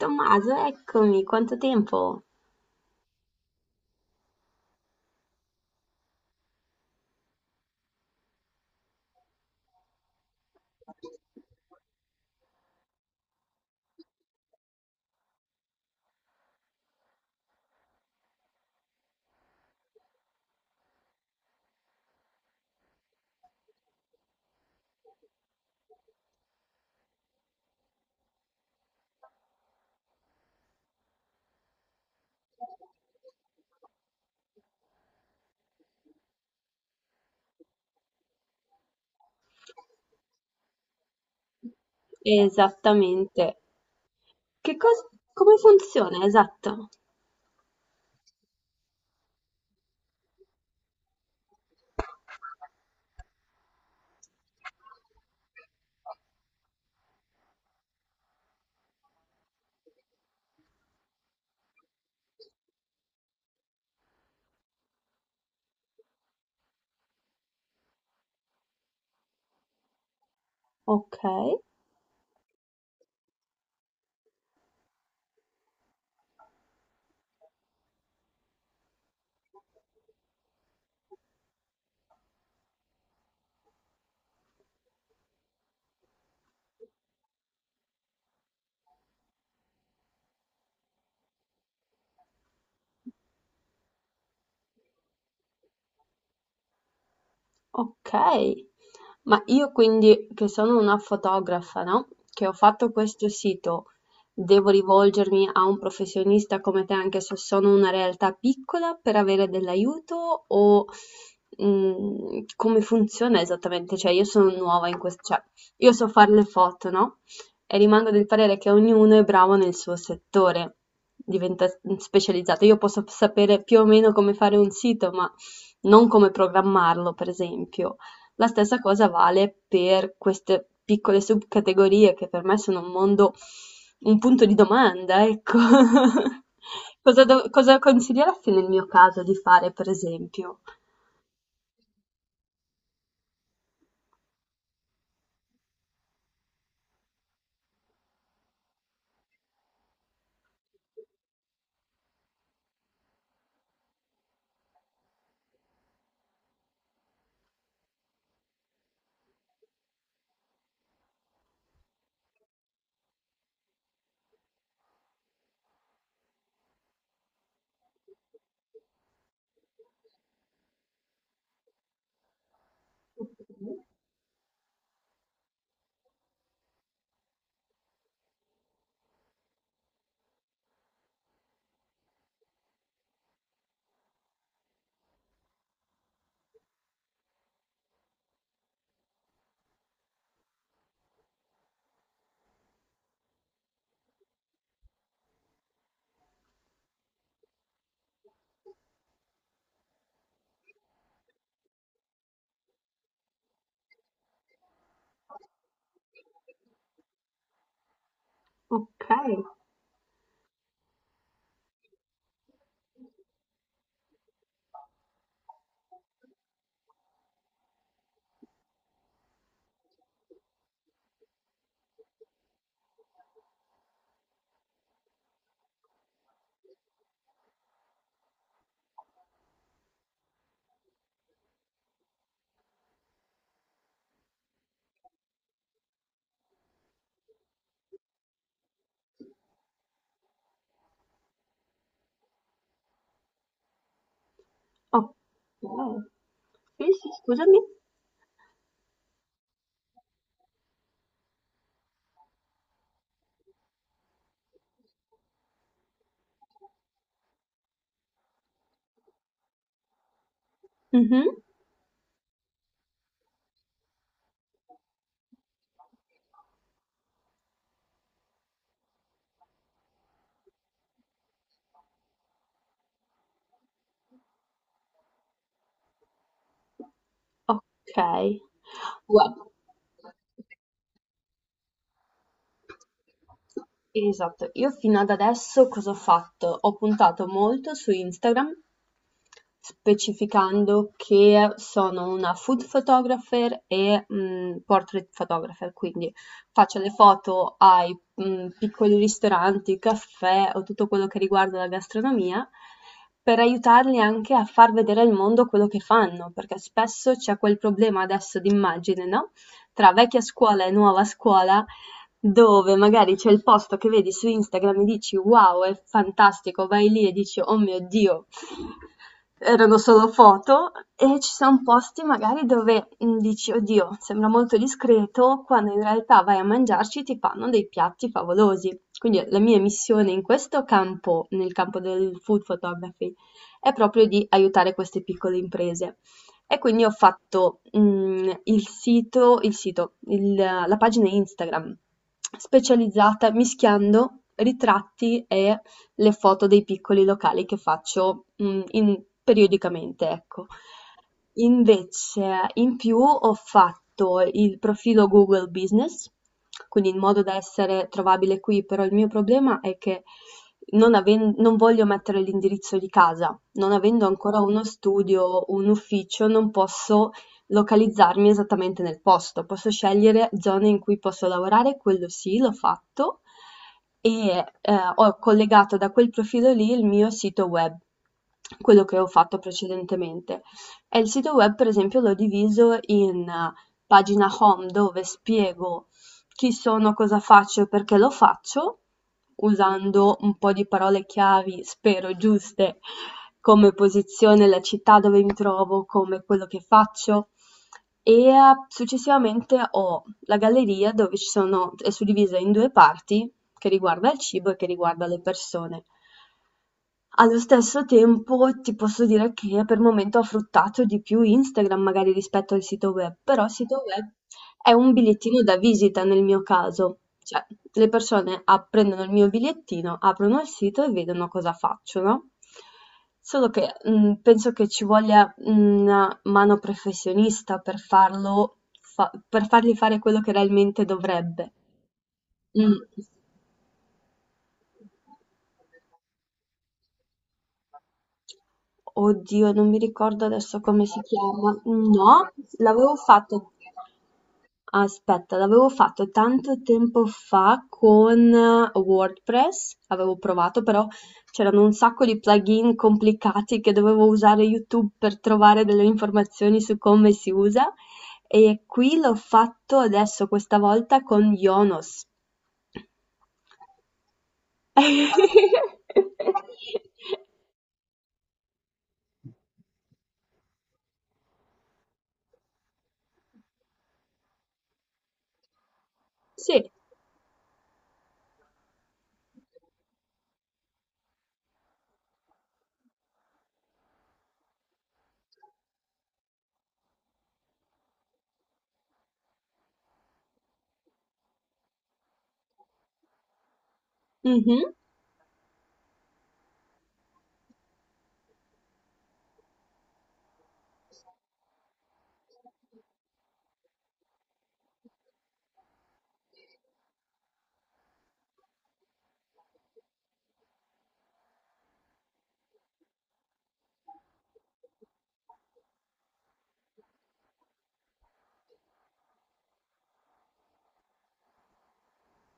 Tommaso, eccomi, quanto tempo? Esattamente. Che cosa, come funziona? Esatto. Ok. Okay. Ma io quindi che sono una fotografa, no, che ho fatto questo sito, devo rivolgermi a un professionista come te anche se sono una realtà piccola per avere dell'aiuto o come funziona esattamente? Cioè io sono nuova in questo, cioè io so fare le foto, no? E rimango del parere che ognuno è bravo nel suo settore, diventa specializzato. Io posso sapere più o meno come fare un sito, ma non come programmarlo, per esempio. La stessa cosa vale per queste piccole subcategorie che per me sono un mondo, un punto di domanda, ecco. Cosa, cosa consiglieresti nel mio caso di fare, per esempio? Ok, ok. Sì, sì, scusami. Mhm, ok. Guarda. Esatto, io fino ad adesso cosa ho fatto? Ho puntato molto su Instagram, specificando che sono una food photographer e portrait photographer, quindi faccio le foto ai piccoli ristoranti, caffè o tutto quello che riguarda la gastronomia per aiutarli anche a far vedere al mondo quello che fanno, perché spesso c'è quel problema adesso di immagine, no? Tra vecchia scuola e nuova scuola dove magari c'è il posto che vedi su Instagram e dici wow, è fantastico, vai lì e dici oh mio Dio, erano solo foto, e ci sono posti magari dove dici oddio, sembra molto discreto, quando in realtà vai a mangiarci ti fanno dei piatti favolosi. Quindi la mia missione in questo campo, nel campo del food photography, è proprio di aiutare queste piccole imprese. E quindi ho fatto il sito, la pagina Instagram specializzata mischiando ritratti e le foto dei piccoli locali che faccio, in periodicamente, ecco. Invece, in più ho fatto il profilo Google Business, quindi in modo da essere trovabile qui, però il mio problema è che non voglio mettere l'indirizzo di casa, non avendo ancora uno studio, un ufficio, non posso localizzarmi esattamente nel posto, posso scegliere zone in cui posso lavorare, quello sì, l'ho fatto e ho collegato da quel profilo lì il mio sito web, quello che ho fatto precedentemente. E il sito web, per esempio, l'ho diviso in pagina home dove spiego chi sono, cosa faccio e perché lo faccio, usando un po' di parole chiavi, spero giuste, come posizione, la città dove mi trovo, come quello che faccio. E successivamente ho la galleria dove ci sono, è suddivisa in due parti, che riguarda il cibo e che riguarda le persone. Allo stesso tempo ti posso dire che per il momento ho fruttato di più Instagram magari rispetto al sito web, però il sito web è un bigliettino da visita nel mio caso, cioè le persone prendono il mio bigliettino, aprono il sito e vedono cosa faccio, no? Solo che penso che ci voglia una mano professionista per farlo, per fargli fare quello che realmente dovrebbe. Mm. Oddio, non mi ricordo adesso come si chiama. No, l'avevo fatto. Aspetta, l'avevo fatto tanto tempo fa con WordPress, avevo provato, però c'erano un sacco di plugin complicati che dovevo usare YouTube per trovare delle informazioni su come si usa. E qui l'ho fatto adesso, questa volta con Yonos. Sì, mhm,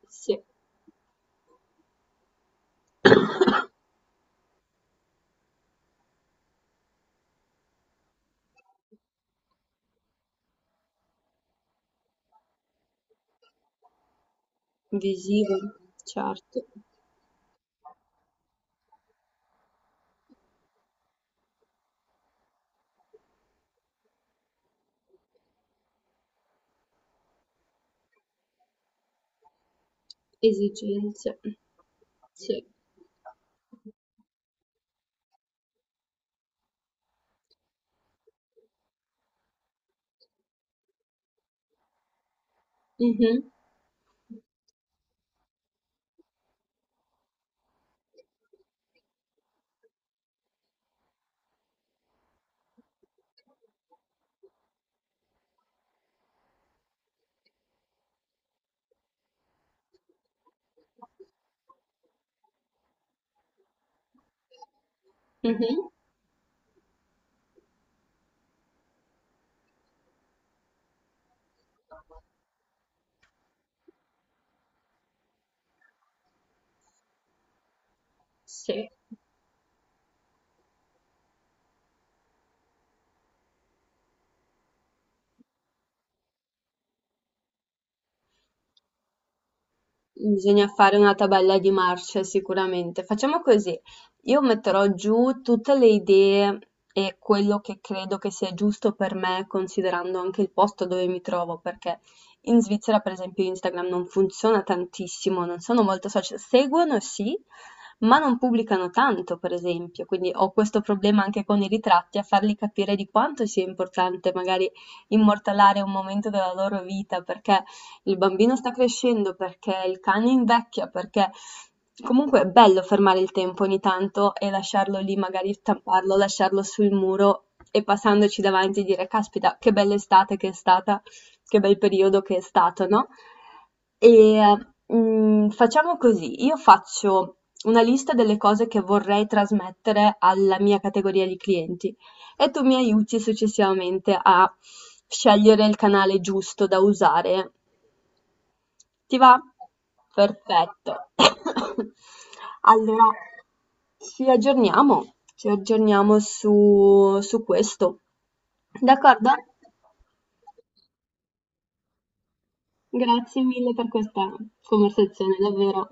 sì. Visivo, certo. Esigenze, sì. Mh-mh. Mh-mh. Sì. Bisogna fare una tabella di marce sicuramente. Facciamo così, io metterò giù tutte le idee e quello che credo che sia giusto per me, considerando anche il posto dove mi trovo, perché in Svizzera, per esempio, Instagram non funziona tantissimo, non sono molto social, seguono sì, ma non pubblicano tanto, per esempio, quindi ho questo problema anche con i ritratti, a farli capire di quanto sia importante magari immortalare un momento della loro vita, perché il bambino sta crescendo, perché il cane invecchia, perché comunque è bello fermare il tempo ogni tanto e lasciarlo lì, magari stamparlo, lasciarlo sul muro e passandoci davanti dire, caspita, che bella estate che è stata, che bel periodo che è stato, no? E facciamo così, io faccio una lista delle cose che vorrei trasmettere alla mia categoria di clienti e tu mi aiuti successivamente a scegliere il canale giusto da usare ti va? Perfetto. Allora, ci aggiorniamo su questo. D'accordo? Grazie mille per questa conversazione, davvero.